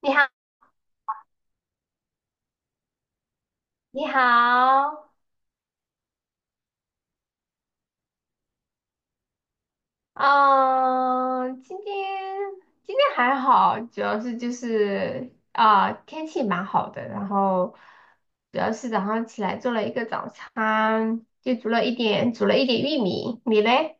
你好，你好。嗯，今天还好，主要是就是啊、天气蛮好的。然后主要是早上起来做了一个早餐，就煮了一点玉米，你嘞？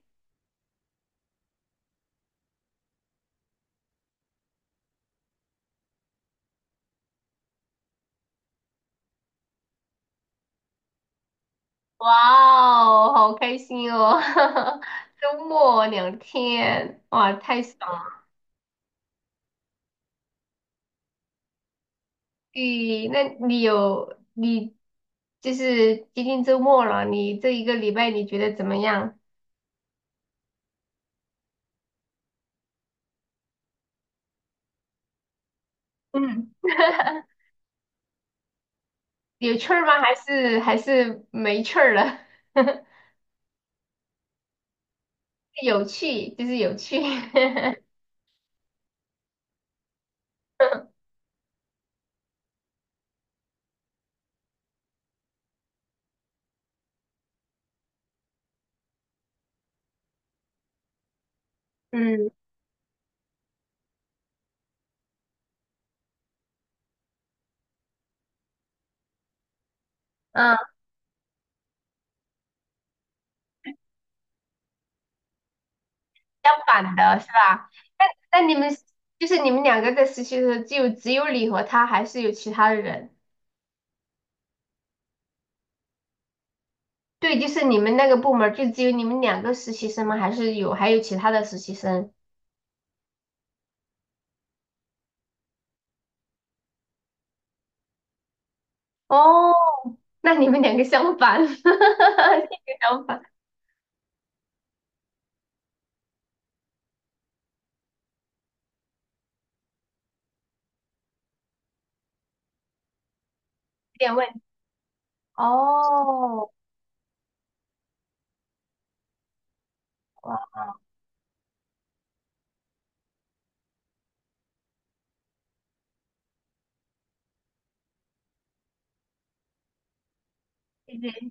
哇，哦，好开心哦。周末2天，哇，太爽了！你那你有你就是接近周末了，你这一个礼拜你觉得怎么样？嗯，有趣儿吗？还是没趣儿了？有趣就是有趣。嗯嗯，相反的是吧？那你们就是你们两个在实习的时候，就只有你和他，还是有其他的人？对，就是你们那个部门儿就只有你们两个实习生吗？还是还有其他的实习生？哦，那你们两个相反，这个相反有点问题。哦，哇，有点行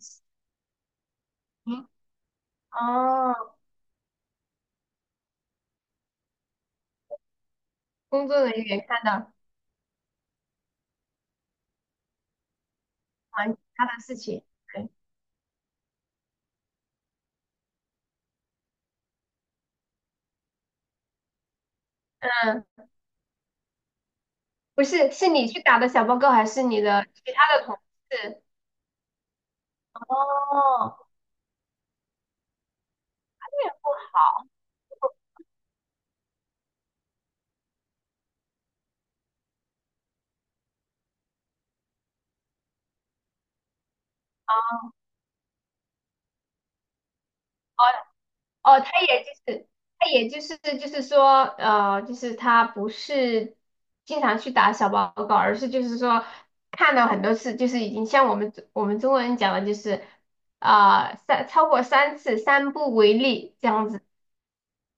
哦。工作人员看到忙其他的事情。对，嗯，不是，是你去打的小报告，还是你的其他的同事？哦，这也不好。哦，他也就是，他也就是说，就是他不是经常去打小报告，而是就是说看到很多次，就是已经像我们中国人讲的，就是啊、三超过三次三不为例这样子。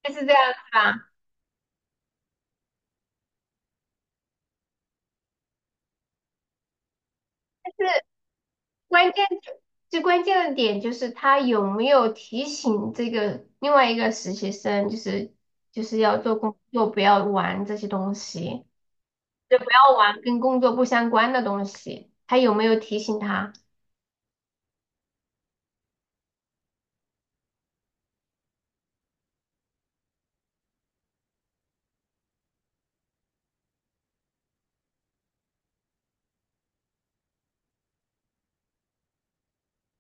就是这样子吧。是。关键就最关键的点就是他有没有提醒这个另外一个实习生，就是就是要做工作，不要玩这些东西，就不要玩跟工作不相关的东西。他有没有提醒他？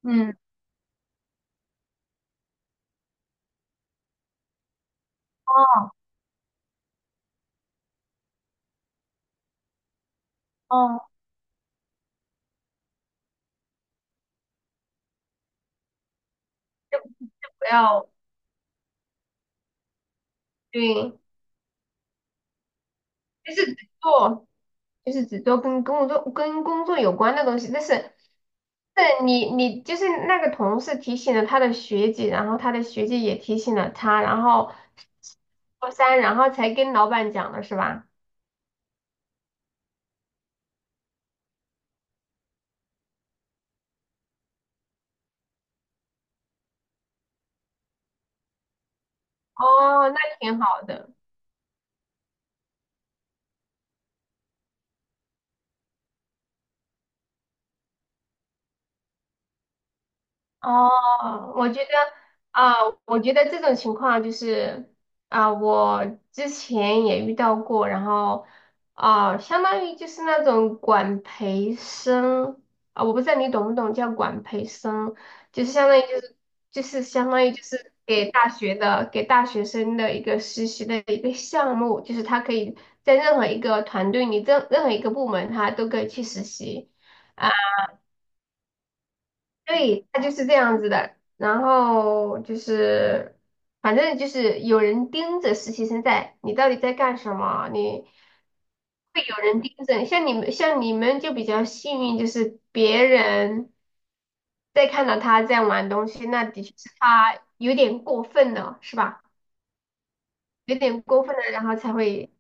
嗯，哦哦，就不要对，就是只做就是只做跟工作有关的东西。但是但你就是那个同事提醒了他的学姐，然后他的学姐也提醒了他，然后。高三，然后才跟老板讲的是吧？哦，那挺好的。哦，啊，我觉得这种情况就是啊，我之前也遇到过。然后啊，相当于就是那种管培生，啊，我不知道你懂不懂叫管培生，就是相当于就是就是相当于就是给大学生的一个实习的一个项目，就是他可以在任何一个团队里，任何一个部门，他都可以去实习。啊。对，他就是这样子的。然后就是，反正就是有人盯着实习生在，你到底在干什么？你会有人盯着你，像你们就比较幸运，就是别人在看到他在玩东西，那的确是他有点过分了，是吧？有点过分了，然后才会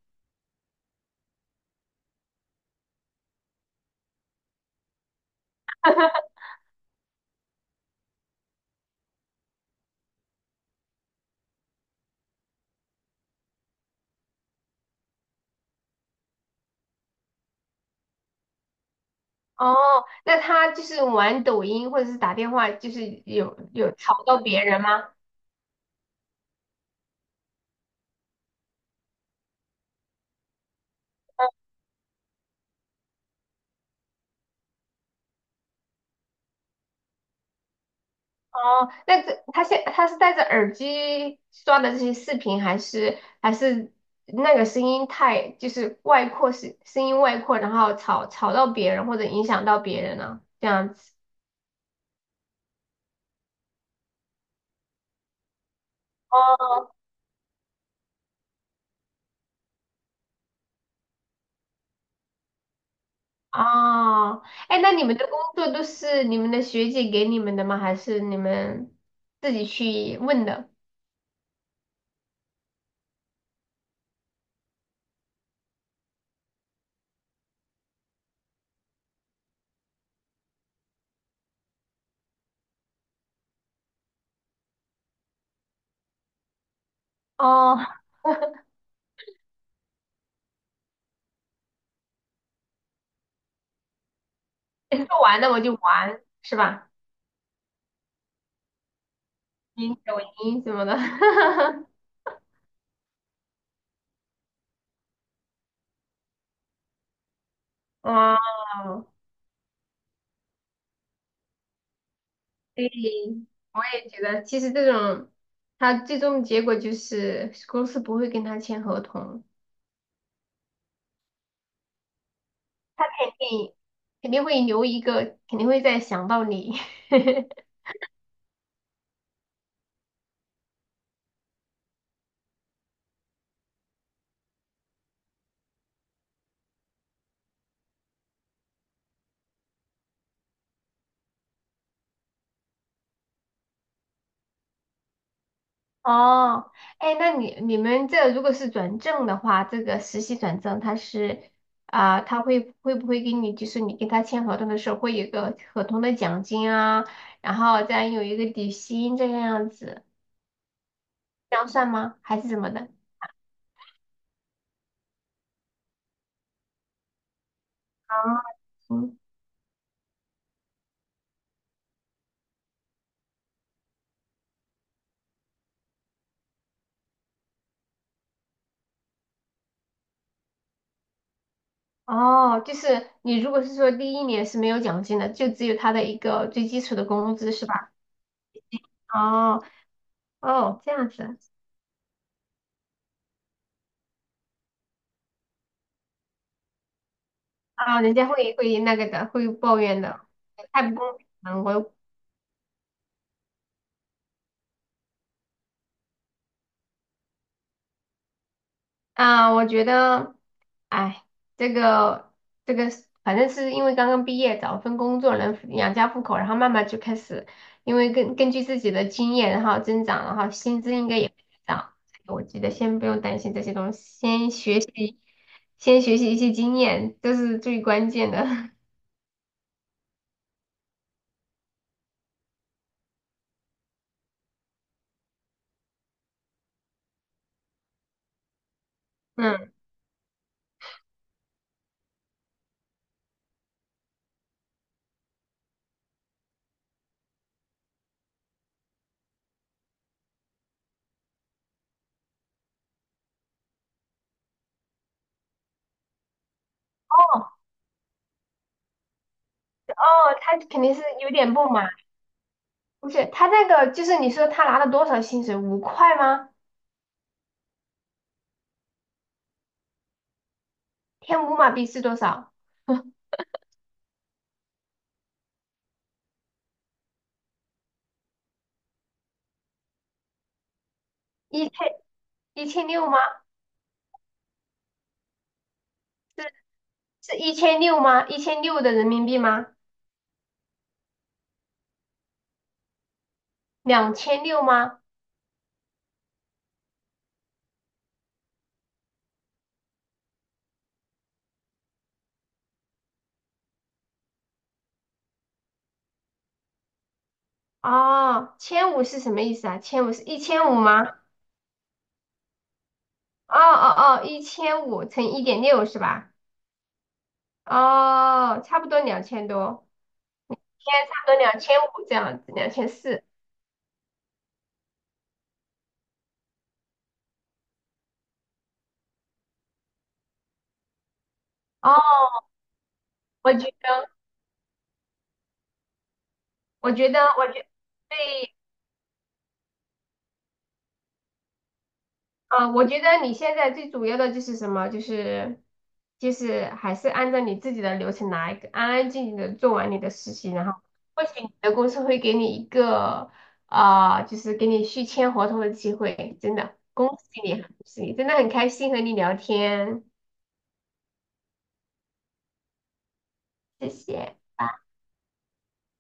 哦，那他就是玩抖音或者是打电话，就是有吵到别人吗？哦，那这他现他是戴着耳机刷的这些视频，还是还是那个声音外扩，然后吵到别人或者影响到别人呢？这样子。哦哦，哎，那你们的工作都是你们的学姐给你们的吗？还是你们自己去问的？哦，诶做完了我就玩，是吧？音抖音什么的。哦，对，我也觉得，其实这种，他最终结果就是公司不会跟他签合同。肯定肯定会留一个，肯定会再想到你。哦，哎，那你你们这如果是转正的话，这个实习转正，他是啊、他会不会给你，就是你跟他签合同的时候，会有一个合同的奖金啊，然后再有一个底薪这个样子，这样算吗？还是怎么的？嗯哦，就是你如果是说第一年是没有奖金的，就只有他的一个最基础的工资是吧？哦哦，这样子啊，人家会那个的，会抱怨的，太不公平了，啊，我觉得，哎，这个这个是反正是因为刚刚毕业，找份工作能养家糊口，然后慢慢就开始，因为根据自己的经验，然后增长，然后薪资应该也会涨。我觉得先不用担心这些东西，先学习，先学习一些经验，这是最关键的。嗯，哦，哦，他肯定是有点不满。不是他那个，就是你说他拿了多少薪水？5块吗？天五马币是多少？一千一千六吗？是一千六吗？一千六的人民币吗？2600吗？哦，千五是什么意思啊？千五是一千五吗？哦哦哦，一千五乘1.6是吧？哦，差不多2000多，现在差不多2500这样子，2400。哦，我觉得，我觉得，我觉对啊，我觉得你现在最主要的就是什么？就是还是按照你自己的流程来，安安静静的做完你的实习，然后或许你的公司会给你一个啊、就是给你续签合同的机会。真的，恭喜你，恭喜你，真的很开心和你聊天，谢谢。